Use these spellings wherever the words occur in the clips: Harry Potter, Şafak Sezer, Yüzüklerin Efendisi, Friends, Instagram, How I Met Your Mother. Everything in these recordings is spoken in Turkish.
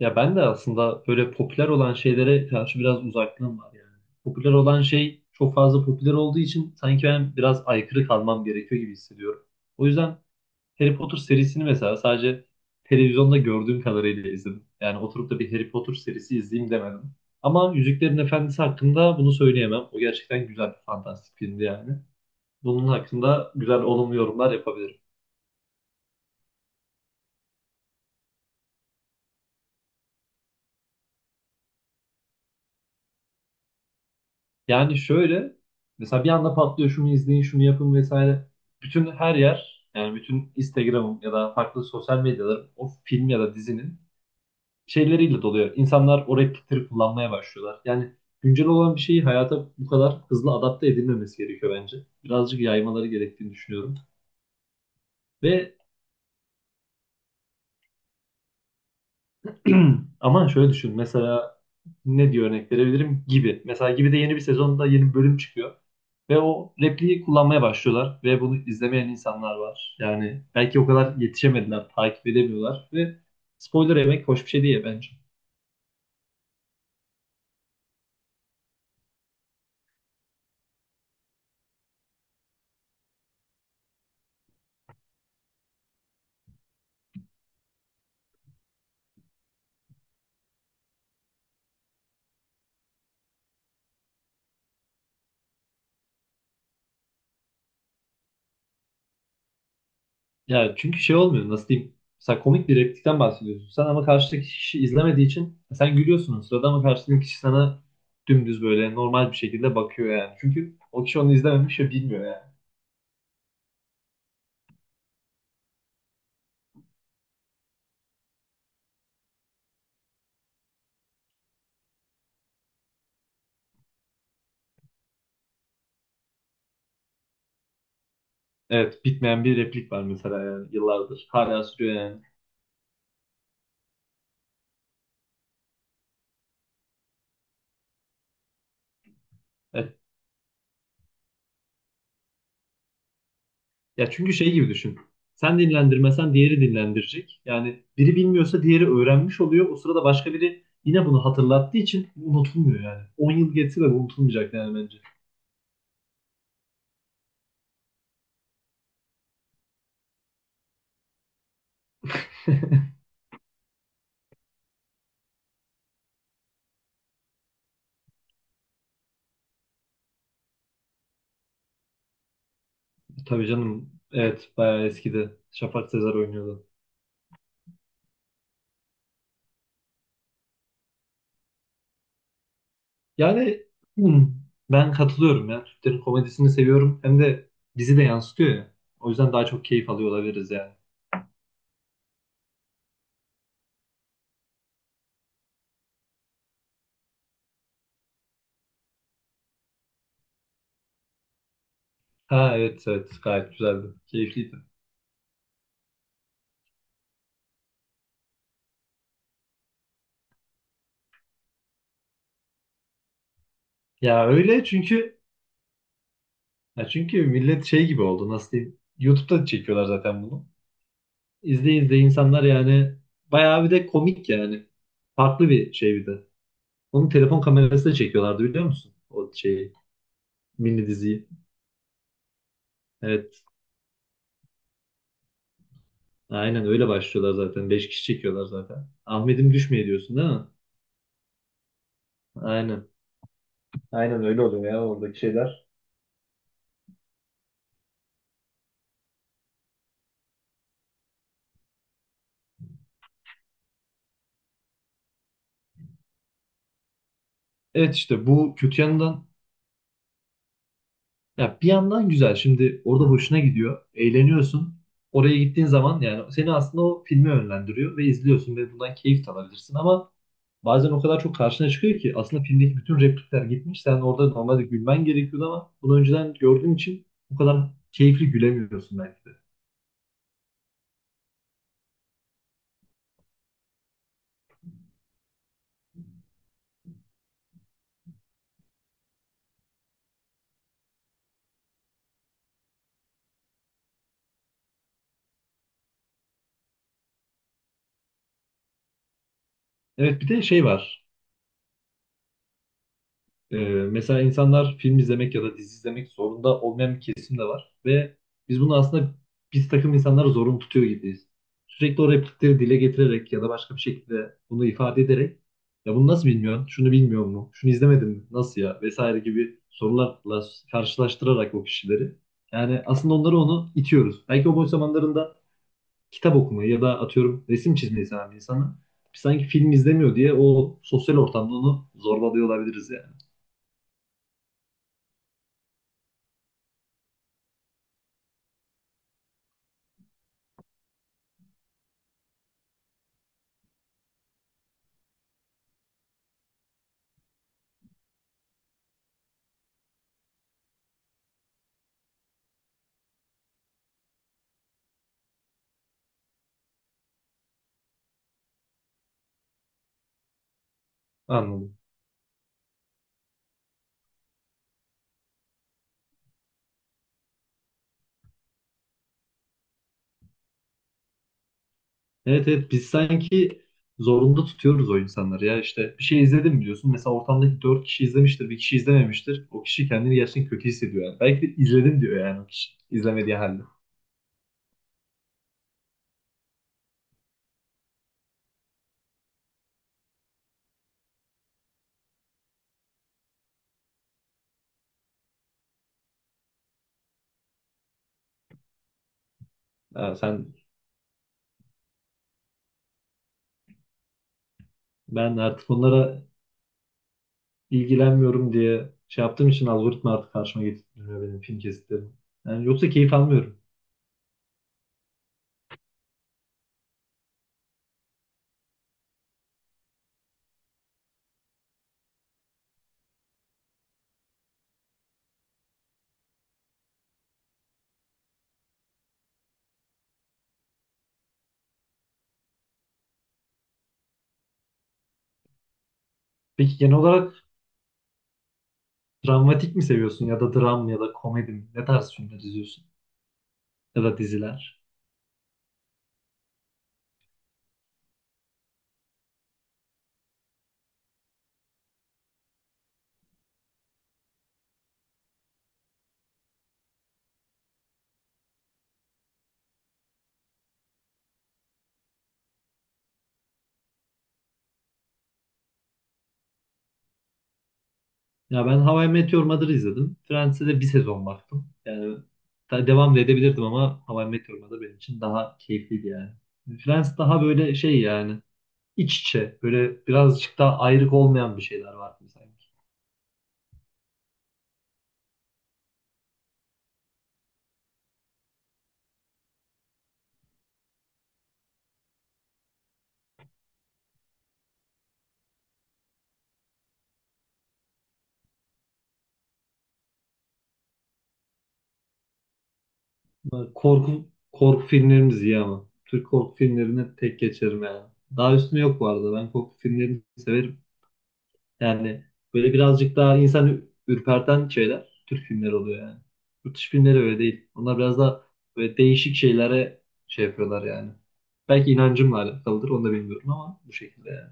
Ya ben de aslında böyle popüler olan şeylere karşı biraz uzaklığım var yani. Popüler olan şey çok fazla popüler olduğu için sanki ben biraz aykırı kalmam gerekiyor gibi hissediyorum. O yüzden Harry Potter serisini mesela sadece televizyonda gördüğüm kadarıyla izledim. Yani oturup da bir Harry Potter serisi izleyeyim demedim. Ama Yüzüklerin Efendisi hakkında bunu söyleyemem. O gerçekten güzel, fantastik filmdi yani. Bunun hakkında güzel olumlu yorumlar yapabilirim. Yani şöyle, mesela bir anda patlıyor, şunu izleyin, şunu yapın vesaire. Bütün her yer, yani bütün Instagram'ım ya da farklı sosyal medyalarım o film ya da dizinin şeyleriyle doluyor. İnsanlar o replikleri kullanmaya başlıyorlar. Yani güncel olan bir şeyi hayata bu kadar hızlı adapte edilmemesi gerekiyor bence. Birazcık yaymaları gerektiğini düşünüyorum. Ve Ama şöyle düşün. Mesela ne diye örnek verebilirim? Gibi. Mesela Gibi de yeni bir sezonda yeni bir bölüm çıkıyor. Ve o repliği kullanmaya başlıyorlar. Ve bunu izlemeyen insanlar var. Yani belki o kadar yetişemediler, takip edemiyorlar. Ve spoiler yemek hoş bir şey değil bence. Yani çünkü şey olmuyor, nasıl diyeyim? Mesela komik bir replikten bahsediyorsun. Sen, ama karşıdaki kişi izlemediği için sen gülüyorsun o sırada, ama karşıdaki kişi sana dümdüz böyle normal bir şekilde bakıyor yani. Çünkü o kişi onu izlememiş ve bilmiyor yani. Evet, bitmeyen bir replik var mesela yani, yıllardır. Hala sürüyor yani. Evet. Ya, çünkü şey gibi düşün. Sen dinlendirmesen diğeri dinlendirecek. Yani biri bilmiyorsa diğeri öğrenmiş oluyor. O sırada başka biri yine bunu hatırlattığı için unutulmuyor yani. 10 yıl geçse de bu unutulmayacak yani bence. Tabii canım. Evet, bayağı eskidi. Şafak Sezer oynuyordu. Yani, hmm, ben katılıyorum ya. Türklerin komedisini seviyorum. Hem de bizi de yansıtıyor ya. O yüzden daha çok keyif alıyor olabiliriz yani. Ha, evet, evet, gayet güzeldi. Keyifliydi. Ya öyle çünkü ya çünkü millet şey gibi oldu, nasıl diyeyim. YouTube'da çekiyorlar zaten bunu. İzleye izleye insanlar yani bayağı bir de komik yani. Farklı bir şey bir de. Onu telefon kamerasıyla çekiyorlardı, biliyor musun? O şeyi, mini diziyi. Evet, aynen öyle başlıyorlar zaten. Beş kişi çekiyorlar zaten. Ahmet'im düşmeye diyorsun değil mi? Aynen. Aynen öyle oluyor ya, oradaki şeyler. Evet, işte bu kötü yanından. Ya bir yandan güzel. Şimdi orada hoşuna gidiyor. Eğleniyorsun. Oraya gittiğin zaman yani seni aslında o filme yönlendiriyor ve izliyorsun ve bundan keyif de alabilirsin, ama bazen o kadar çok karşına çıkıyor ki aslında filmdeki bütün replikler gitmiş. Sen orada normalde gülmen gerekiyordu ama bunu önceden gördüğün için o kadar keyifli gülemiyorsun belki de. Evet, bir de şey var. Ee, mesela insanlar film izlemek ya da dizi izlemek zorunda olmayan bir kesim de var. Ve biz bunu aslında biz takım insanları zorunlu tutuyor gibiyiz. Sürekli o replikleri dile getirerek ya da başka bir şekilde bunu ifade ederek, ya bunu nasıl bilmiyorsun, şunu bilmiyor mu, şunu izlemedin mi, nasıl ya vesaire gibi sorularla karşılaştırarak o kişileri. Yani aslında onu itiyoruz. Belki o boş zamanlarında kitap okumayı ya da atıyorum resim çizmeyi seven bir insanı sanki film izlemiyor diye o sosyal ortamda onu zorbalıyor olabiliriz yani. Anladım. Evet, evet, biz sanki zorunda tutuyoruz o insanları, ya işte bir şey izledim mi diyorsun, mesela ortamdaki dört kişi izlemiştir, bir kişi izlememiştir, o kişi kendini gerçekten kötü hissediyor yani, belki de izledim diyor yani o kişi izlemediği halde. Ya sen Ben artık bunlara ilgilenmiyorum diye şey yaptığım için algoritma artık karşıma getirmiyor benim film kesitlerim, yani yoksa keyif almıyorum. Peki, genel olarak dramatik mi seviyorsun, ya da dram ya da komedi mi, ne tarz filmler izliyorsun ya da diziler? Ya, ben How I Met Your Mother'ı izledim. Friends'e de bir sezon baktım. Yani devam da edebilirdim ama How I Met Your Mother benim için daha keyifliydi yani. Friends daha böyle şey yani, iç içe böyle birazcık daha ayrık olmayan bir şeyler var sanki. Böyle Korku filmlerimiz iyi ama. Türk korku filmlerini tek geçerim yani. Daha üstüne yok bu arada. Ben korku filmlerini severim. Yani böyle birazcık daha insan ürperten şeyler Türk filmleri oluyor yani. Yurt dışı filmleri öyle değil. Onlar biraz daha böyle değişik şeylere şey yapıyorlar yani. Belki inancımla alakalıdır, onu da bilmiyorum ama bu şekilde yani.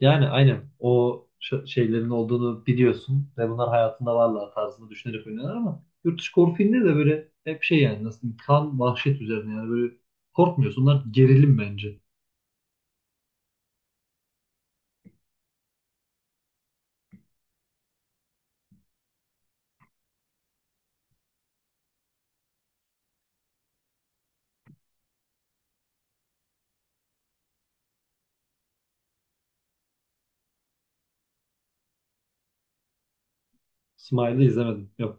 Yani aynen o şeylerin olduğunu biliyorsun ve bunlar hayatında varlar tarzında düşünerek oynuyorlar, ama yurt dışı korku filmleri de böyle hep şey yani, nasıl diyeyim, kan vahşet üzerine yani, böyle korkmuyorsun. Onlar gerilim bence. Smile'ı izlemedim.